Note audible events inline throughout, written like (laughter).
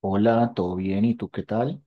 Hola, ¿todo bien? ¿Y tú qué tal?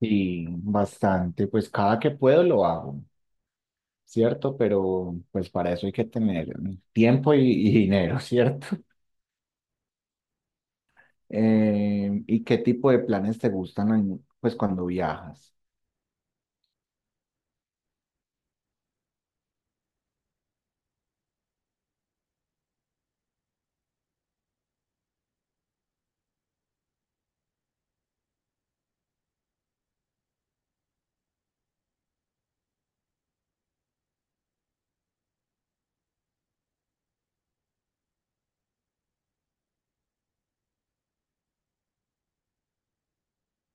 Y bastante, pues cada que puedo lo hago, ¿cierto? Pero pues para eso hay que tener tiempo y dinero, ¿cierto? (laughs) ¿Y qué tipo de planes te gustan pues cuando viajas?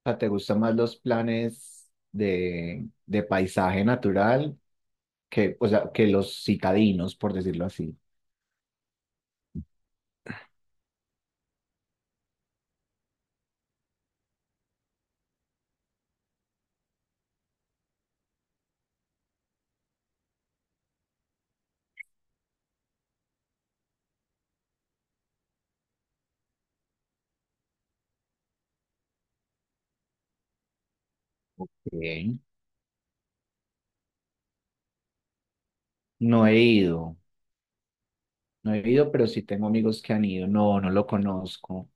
O sea, ¿te gustan más los planes de paisaje natural que, o sea, que los citadinos, por decirlo así? Bien. No he ido, pero sí tengo amigos que han ido. No, no lo conozco,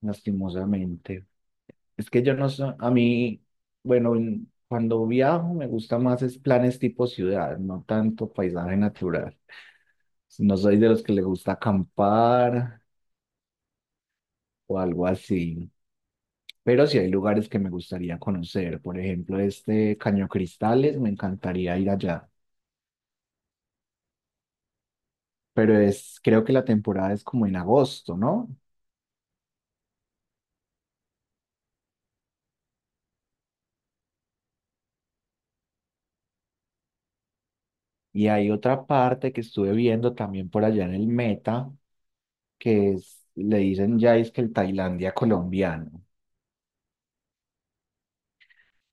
lastimosamente. Es que yo no sé, a mí, bueno, cuando viajo me gusta más es planes tipo ciudad, no tanto paisaje natural. No soy de los que le gusta acampar o algo así, pero sí hay lugares que me gustaría conocer. Por ejemplo, este Caño Cristales, me encantaría ir allá, pero es, creo que la temporada es como en agosto, ¿no? Y hay otra parte que estuve viendo también por allá en el Meta, que es, le dicen ya es que el Tailandia colombiano.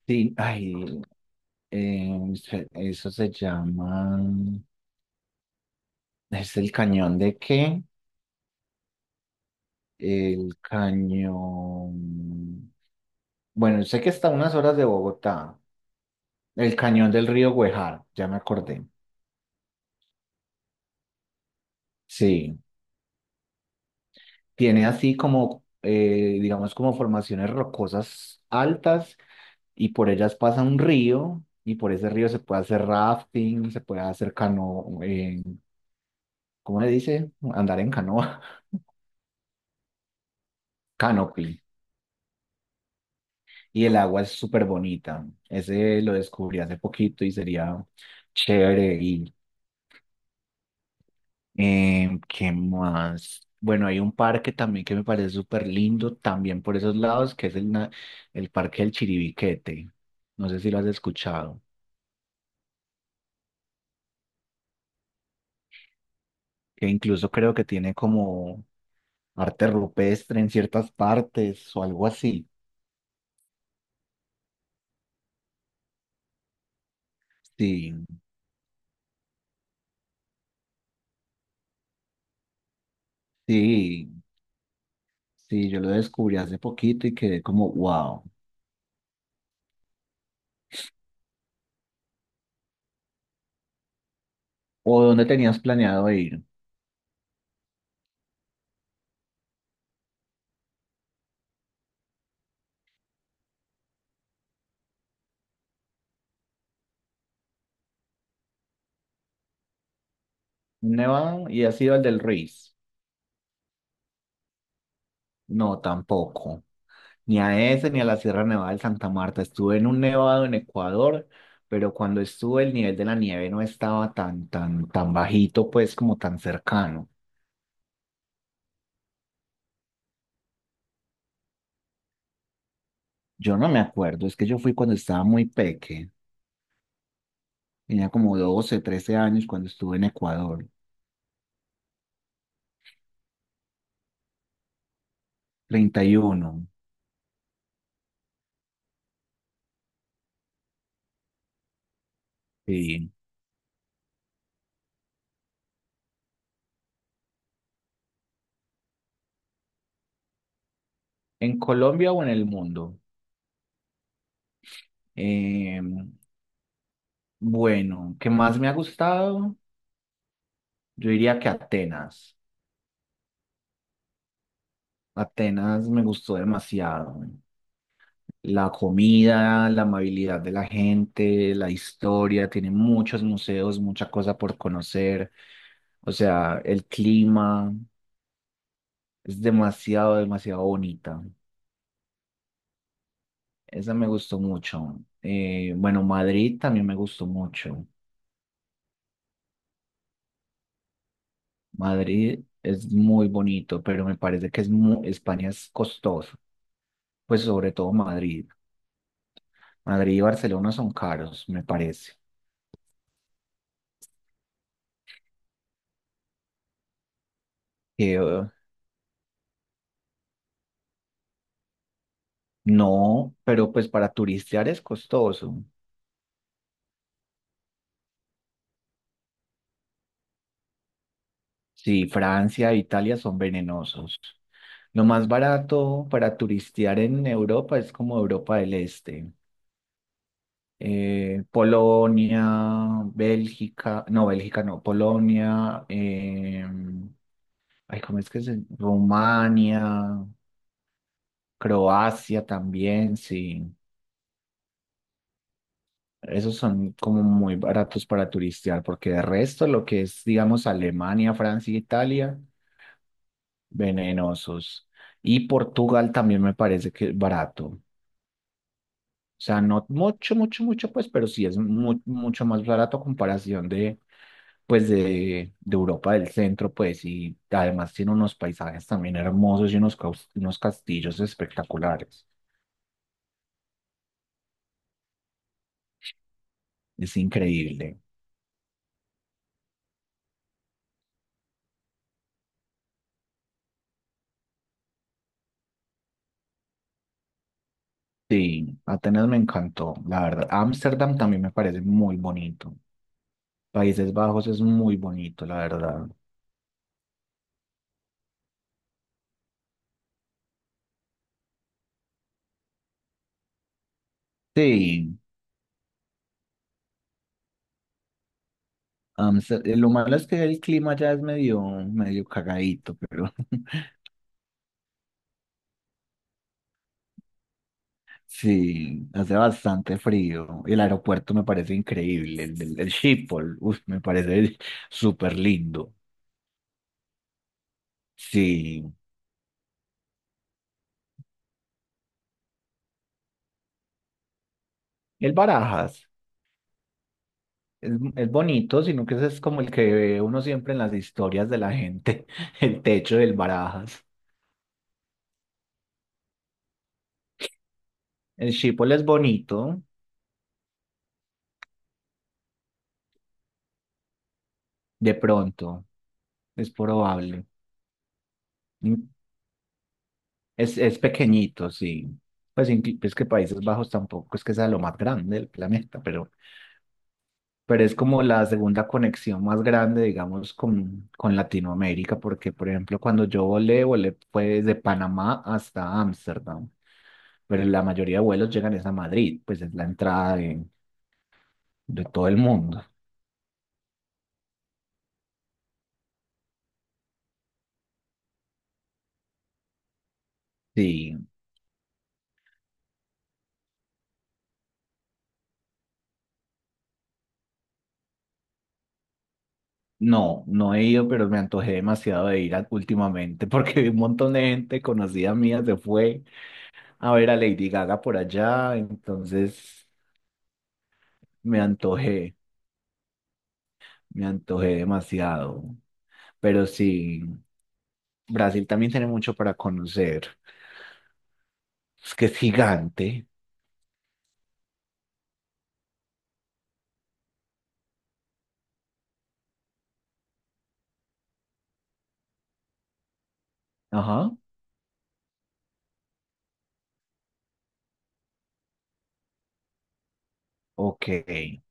Sí, ay, eso se llama, ¿es el cañón de qué? El cañón, bueno, sé que está a unas horas de Bogotá, el cañón del río Güejar, ya me acordé. Sí, tiene así como, digamos, como formaciones rocosas altas y por ellas pasa un río y por ese río se puede hacer rafting, se puede hacer cano, ¿cómo le dice? Andar en canoa, (laughs) canopy. Y el agua es súper bonita. Ese lo descubrí hace poquito y sería chévere ir. ¿Qué más? Bueno, hay un parque también que me parece súper lindo, también por esos lados, que es el Parque del Chiribiquete. No sé si lo has escuchado, que incluso creo que tiene como arte rupestre en ciertas partes o algo así. Sí, sí, sí, yo lo descubrí hace poquito y quedé como, wow. ¿O dónde tenías planeado ir? Nevado y ha sido el del Ruiz. No, tampoco. Ni a ese ni a la Sierra Nevada de Santa Marta. Estuve en un nevado en Ecuador, pero cuando estuve el nivel de la nieve no estaba tan bajito, pues como tan cercano. Yo no me acuerdo, es que yo fui cuando estaba muy peque. Tenía como 12, 13 años cuando estuve en Ecuador. 31. Sí. ¿En Colombia o en el mundo? Em, bueno, ¿qué más me ha gustado? Yo diría que Atenas. Atenas me gustó demasiado. La comida, la amabilidad de la gente, la historia, tiene muchos museos, mucha cosa por conocer. O sea, el clima es demasiado, demasiado bonita. Esa me gustó mucho. Bueno, Madrid también me gustó mucho. Madrid es muy bonito, pero me parece que es España es costoso, pues sobre todo Madrid. Madrid y Barcelona son caros, me parece. No, pero pues para turistear es costoso. Sí, Francia e Italia son venenosos. Lo más barato para turistear en Europa es como Europa del Este. Polonia, Bélgica no, Polonia, ay, ¿cómo es que se? Rumania, Croacia también, sí. Esos son como muy baratos para turistear, porque de resto lo que es, digamos, Alemania, Francia, e Italia. Venenosos. Y Portugal también me parece que es barato. O sea, no mucho, mucho, mucho, pues, pero sí es mucho más barato a comparación de, pues, de Europa del centro, pues, y además tiene unos paisajes también hermosos y unos, unos castillos espectaculares. Es increíble. Sí, Atenas me encantó, la verdad. Ámsterdam también me parece muy bonito. Países Bajos es muy bonito, la verdad. Sí. Ámsterdam, lo malo es que el clima ya es medio cagadito, pero (laughs) sí, hace bastante frío. El aeropuerto me parece increíble, el Schiphol, uf, me parece (laughs) súper lindo. Sí, el Barajas es bonito, sino que ese es como el que ve uno siempre en las historias de la gente, (laughs) el techo del Barajas. El Schiphol es bonito, de pronto, es probable. Es pequeñito, sí. Pues es que Países Bajos tampoco es que sea lo más grande del planeta, pero es como la segunda conexión más grande, digamos, con Latinoamérica, porque, por ejemplo, cuando yo volé, volé pues de Panamá hasta Ámsterdam, pero la mayoría de vuelos llegan es a Madrid, pues es la entrada de todo el mundo. Sí, no, no he ido, pero me antojé demasiado de últimamente, (laughs) porque un montón de gente conocida mía se fue a ver a Lady Gaga por allá, entonces me antojé, me antojé demasiado. Pero sí, Brasil también tiene mucho para conocer. Es que es gigante. Ajá. Ok, qué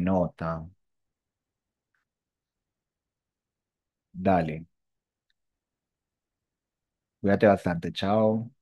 nota. Dale, cuídate bastante, chao.